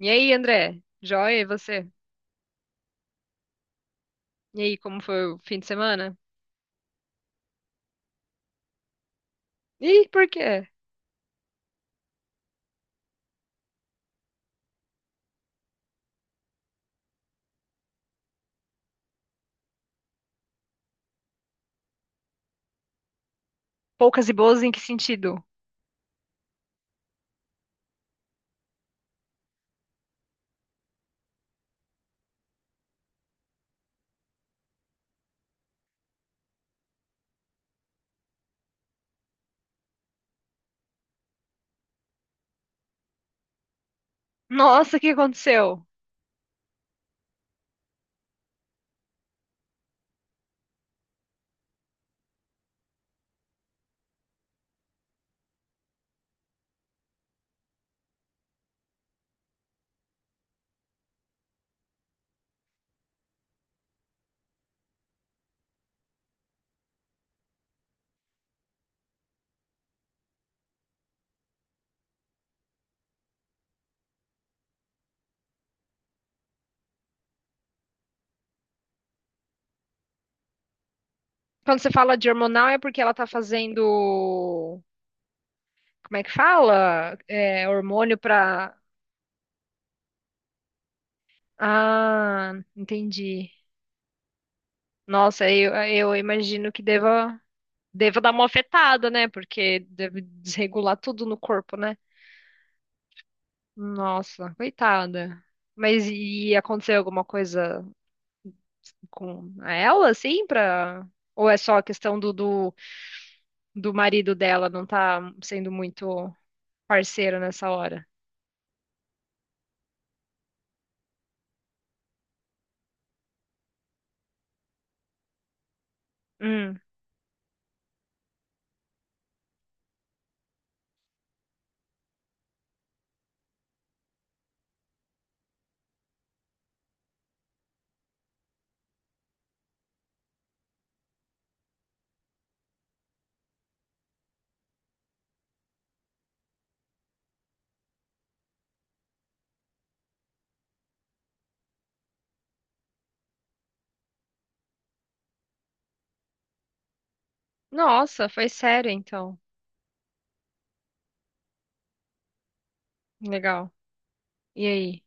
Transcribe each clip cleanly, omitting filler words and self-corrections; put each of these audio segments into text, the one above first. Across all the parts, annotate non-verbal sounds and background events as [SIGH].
E aí, André? Joia, e você? E aí, como foi o fim de semana? Ih, por quê? Poucas e boas em que sentido? Nossa, o que aconteceu? Quando você fala de hormonal é porque ela tá fazendo. Como é que fala? É, hormônio pra. Ah, entendi. Nossa, eu imagino que deva dar uma afetada, né? Porque deve desregular tudo no corpo, né? Nossa, coitada. Mas e aconteceu alguma coisa com ela, assim, pra. Ou é só a questão do marido dela não tá sendo muito parceiro nessa hora? Hum. Nossa, foi sério, então. Legal. E aí?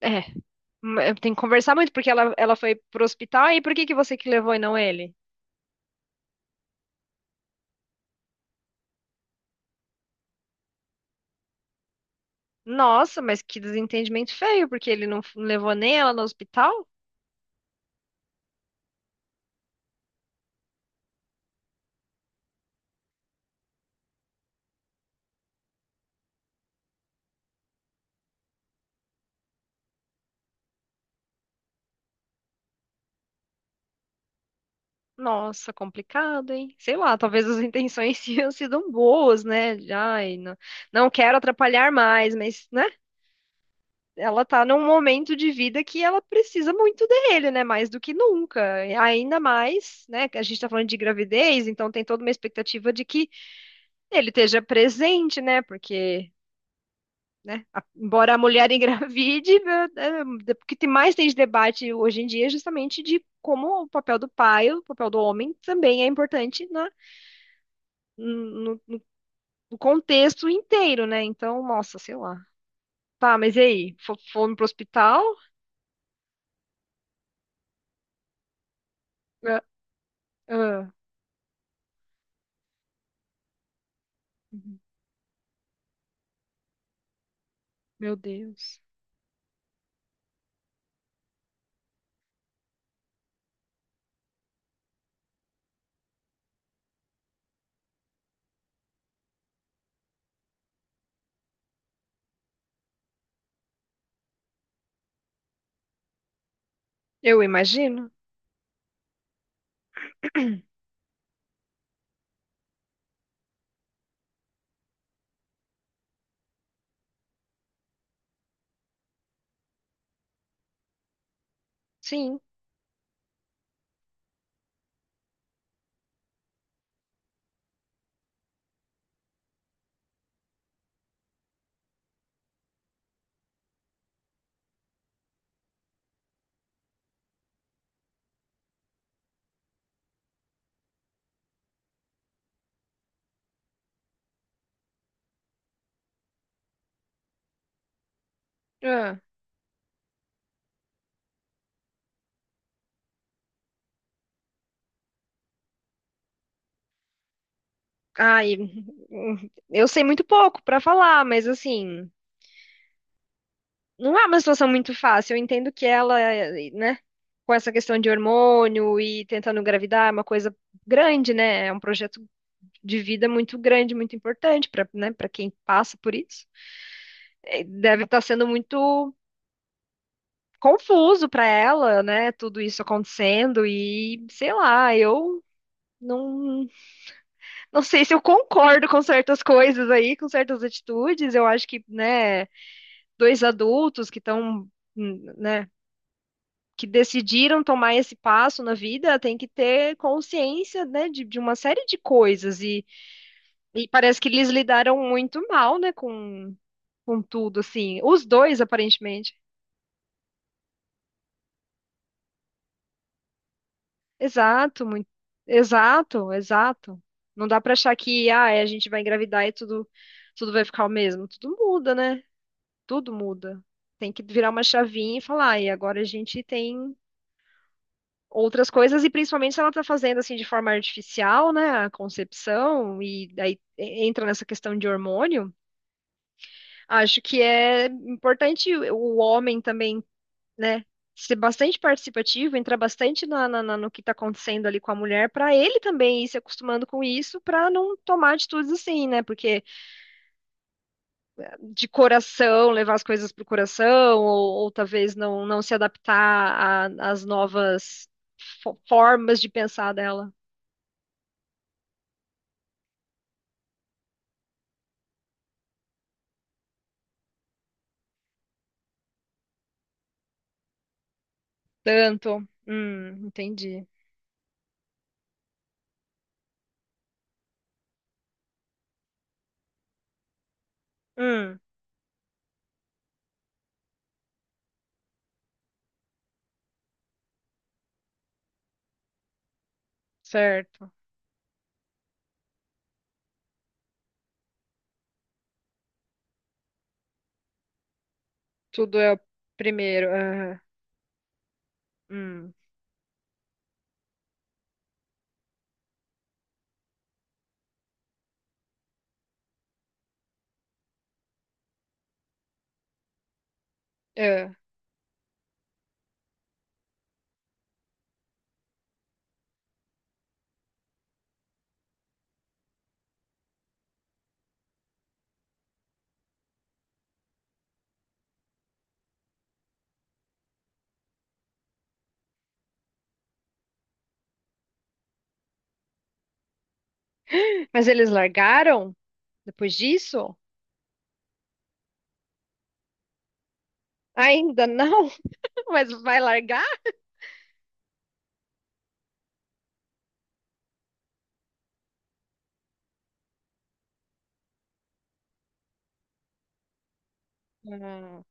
É, tem que conversar muito, porque ela foi pro hospital, e por que que você que levou e não ele? Nossa, mas que desentendimento feio, porque ele não levou nem ela no hospital? Nossa, complicado, hein? Sei lá, talvez as intenções [LAUGHS] tenham sido boas, né? Ai, não, não quero atrapalhar mais, mas, né? Ela tá num momento de vida que ela precisa muito dele, né? Mais do que nunca. Ainda mais, né? Que a gente tá falando de gravidez, então tem toda uma expectativa de que ele esteja presente, né? Porque, né, embora a mulher [LAUGHS] engravide, né, é, o que mais tem de debate hoje em dia é justamente de como o papel do pai, o papel do homem também é importante na, no, no contexto inteiro, né? Então, nossa, sei lá. Tá, mas e aí? Fomos pro hospital? Ah, ah. Meu Deus. Eu imagino. Sim. Ah, ai, [LAUGHS] eu sei muito pouco pra falar, mas assim, não é uma situação muito fácil. Eu entendo que ela, né, com essa questão de hormônio e tentando engravidar, é uma coisa grande, né? É um projeto de vida muito grande, muito importante para, né, para quem passa por isso. Deve estar sendo muito confuso pra ela, né? Tudo isso acontecendo e sei lá, eu não. Não sei se eu concordo com certas coisas aí, com certas atitudes. Eu acho que, né, dois adultos que estão, né, que decidiram tomar esse passo na vida, tem que ter consciência, né, de uma série de coisas. E parece que eles lidaram muito mal, né, com tudo, assim. Os dois, aparentemente. Exato, muito, exato, exato. Não dá pra achar que, ah, é, a gente vai engravidar e tudo, tudo vai ficar o mesmo. Tudo muda, né? Tudo muda. Tem que virar uma chavinha e falar, e agora a gente tem outras coisas, e principalmente se ela está fazendo assim de forma artificial, né, a concepção, e aí entra nessa questão de hormônio, acho que é importante o homem também, né, ser bastante participativo, entrar bastante no que está acontecendo ali com a mulher, para ele também ir se acostumando com isso, para não tomar atitudes assim, né, porque de coração, levar as coisas para o coração, ou talvez não se adaptar às novas formas de pensar dela. Tanto. Entendi. Hum, Certo. Tudo é o primeiro. Aham. Hum, é. Mas eles largaram depois disso? Ainda não? [LAUGHS] Mas vai largar? Ah,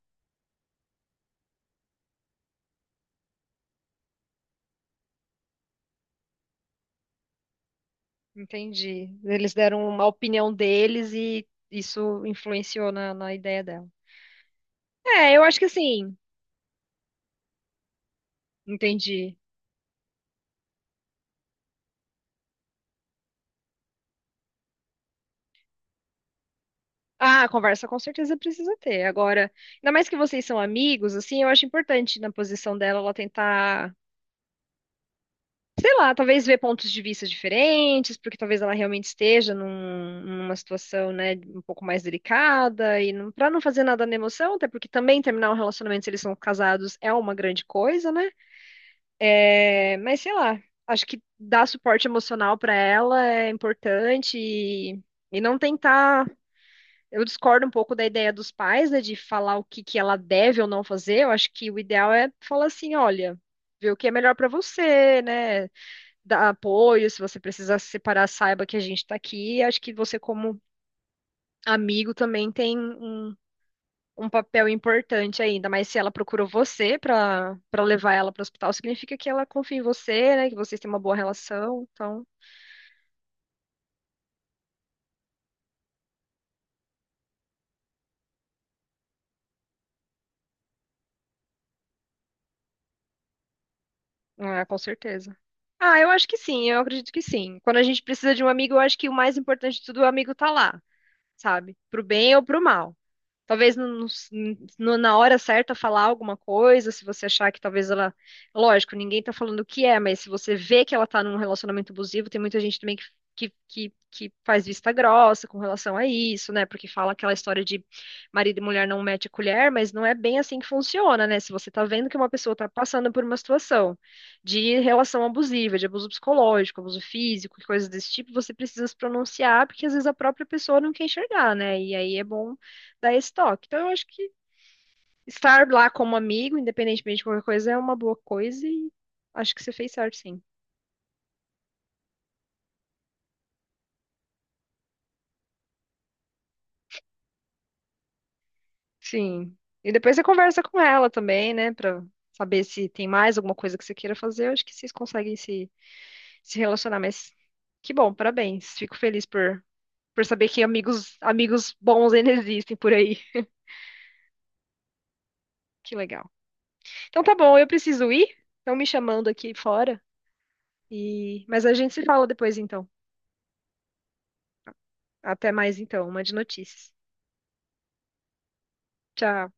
entendi. Eles deram uma opinião deles e isso influenciou na ideia dela. É, eu acho que assim, entendi. Ah, conversa com certeza precisa ter. Agora, ainda mais que vocês são amigos, assim, eu acho importante na posição dela ela tentar, sei lá, talvez ver pontos de vista diferentes, porque talvez ela realmente esteja numa situação, né, um pouco mais delicada e não, para não fazer nada na emoção, até porque também terminar um relacionamento se eles são casados é uma grande coisa, né? É, mas sei lá, acho que dar suporte emocional para ela é importante e não tentar. Eu discordo um pouco da ideia dos pais, né, de falar o que que ela deve ou não fazer. Eu acho que o ideal é falar assim, olha, ver o que é melhor para você, né? Dar apoio, se você precisar se separar, saiba que a gente tá aqui. Acho que você como amigo também tem um papel importante aí, ainda mais se ela procurou você para levar ela para o hospital, significa que ela confia em você, né, que vocês têm uma boa relação. Então, ah, com certeza. Ah, eu acho que sim, eu acredito que sim. Quando a gente precisa de um amigo, eu acho que o mais importante de tudo, o amigo tá lá, sabe? Pro bem ou pro mal. Talvez no- na hora certa falar alguma coisa, se você achar que talvez ela. Lógico, ninguém tá falando o que é, mas se você vê que ela tá num relacionamento abusivo, tem muita gente também que faz vista grossa com relação a isso, né? Porque fala aquela história de marido e mulher não mete a colher, mas não é bem assim que funciona, né? Se você tá vendo que uma pessoa tá passando por uma situação de relação abusiva, de abuso psicológico, abuso físico, e coisas desse tipo, você precisa se pronunciar, porque às vezes a própria pessoa não quer enxergar, né? E aí é bom dar esse toque. Então, eu acho que estar lá como amigo, independentemente de qualquer coisa, é uma boa coisa e acho que você fez certo, sim. Sim. E depois você conversa com ela também, né, pra saber se tem mais alguma coisa que você queira fazer. Eu acho que vocês conseguem se relacionar, mas que bom, parabéns. Fico feliz por saber que amigos, amigos bons ainda existem por aí. Que legal. Então tá bom, eu preciso ir. Estão me chamando aqui fora. Mas a gente se fala depois, então. Até mais, então. Uma de notícias. Tchau.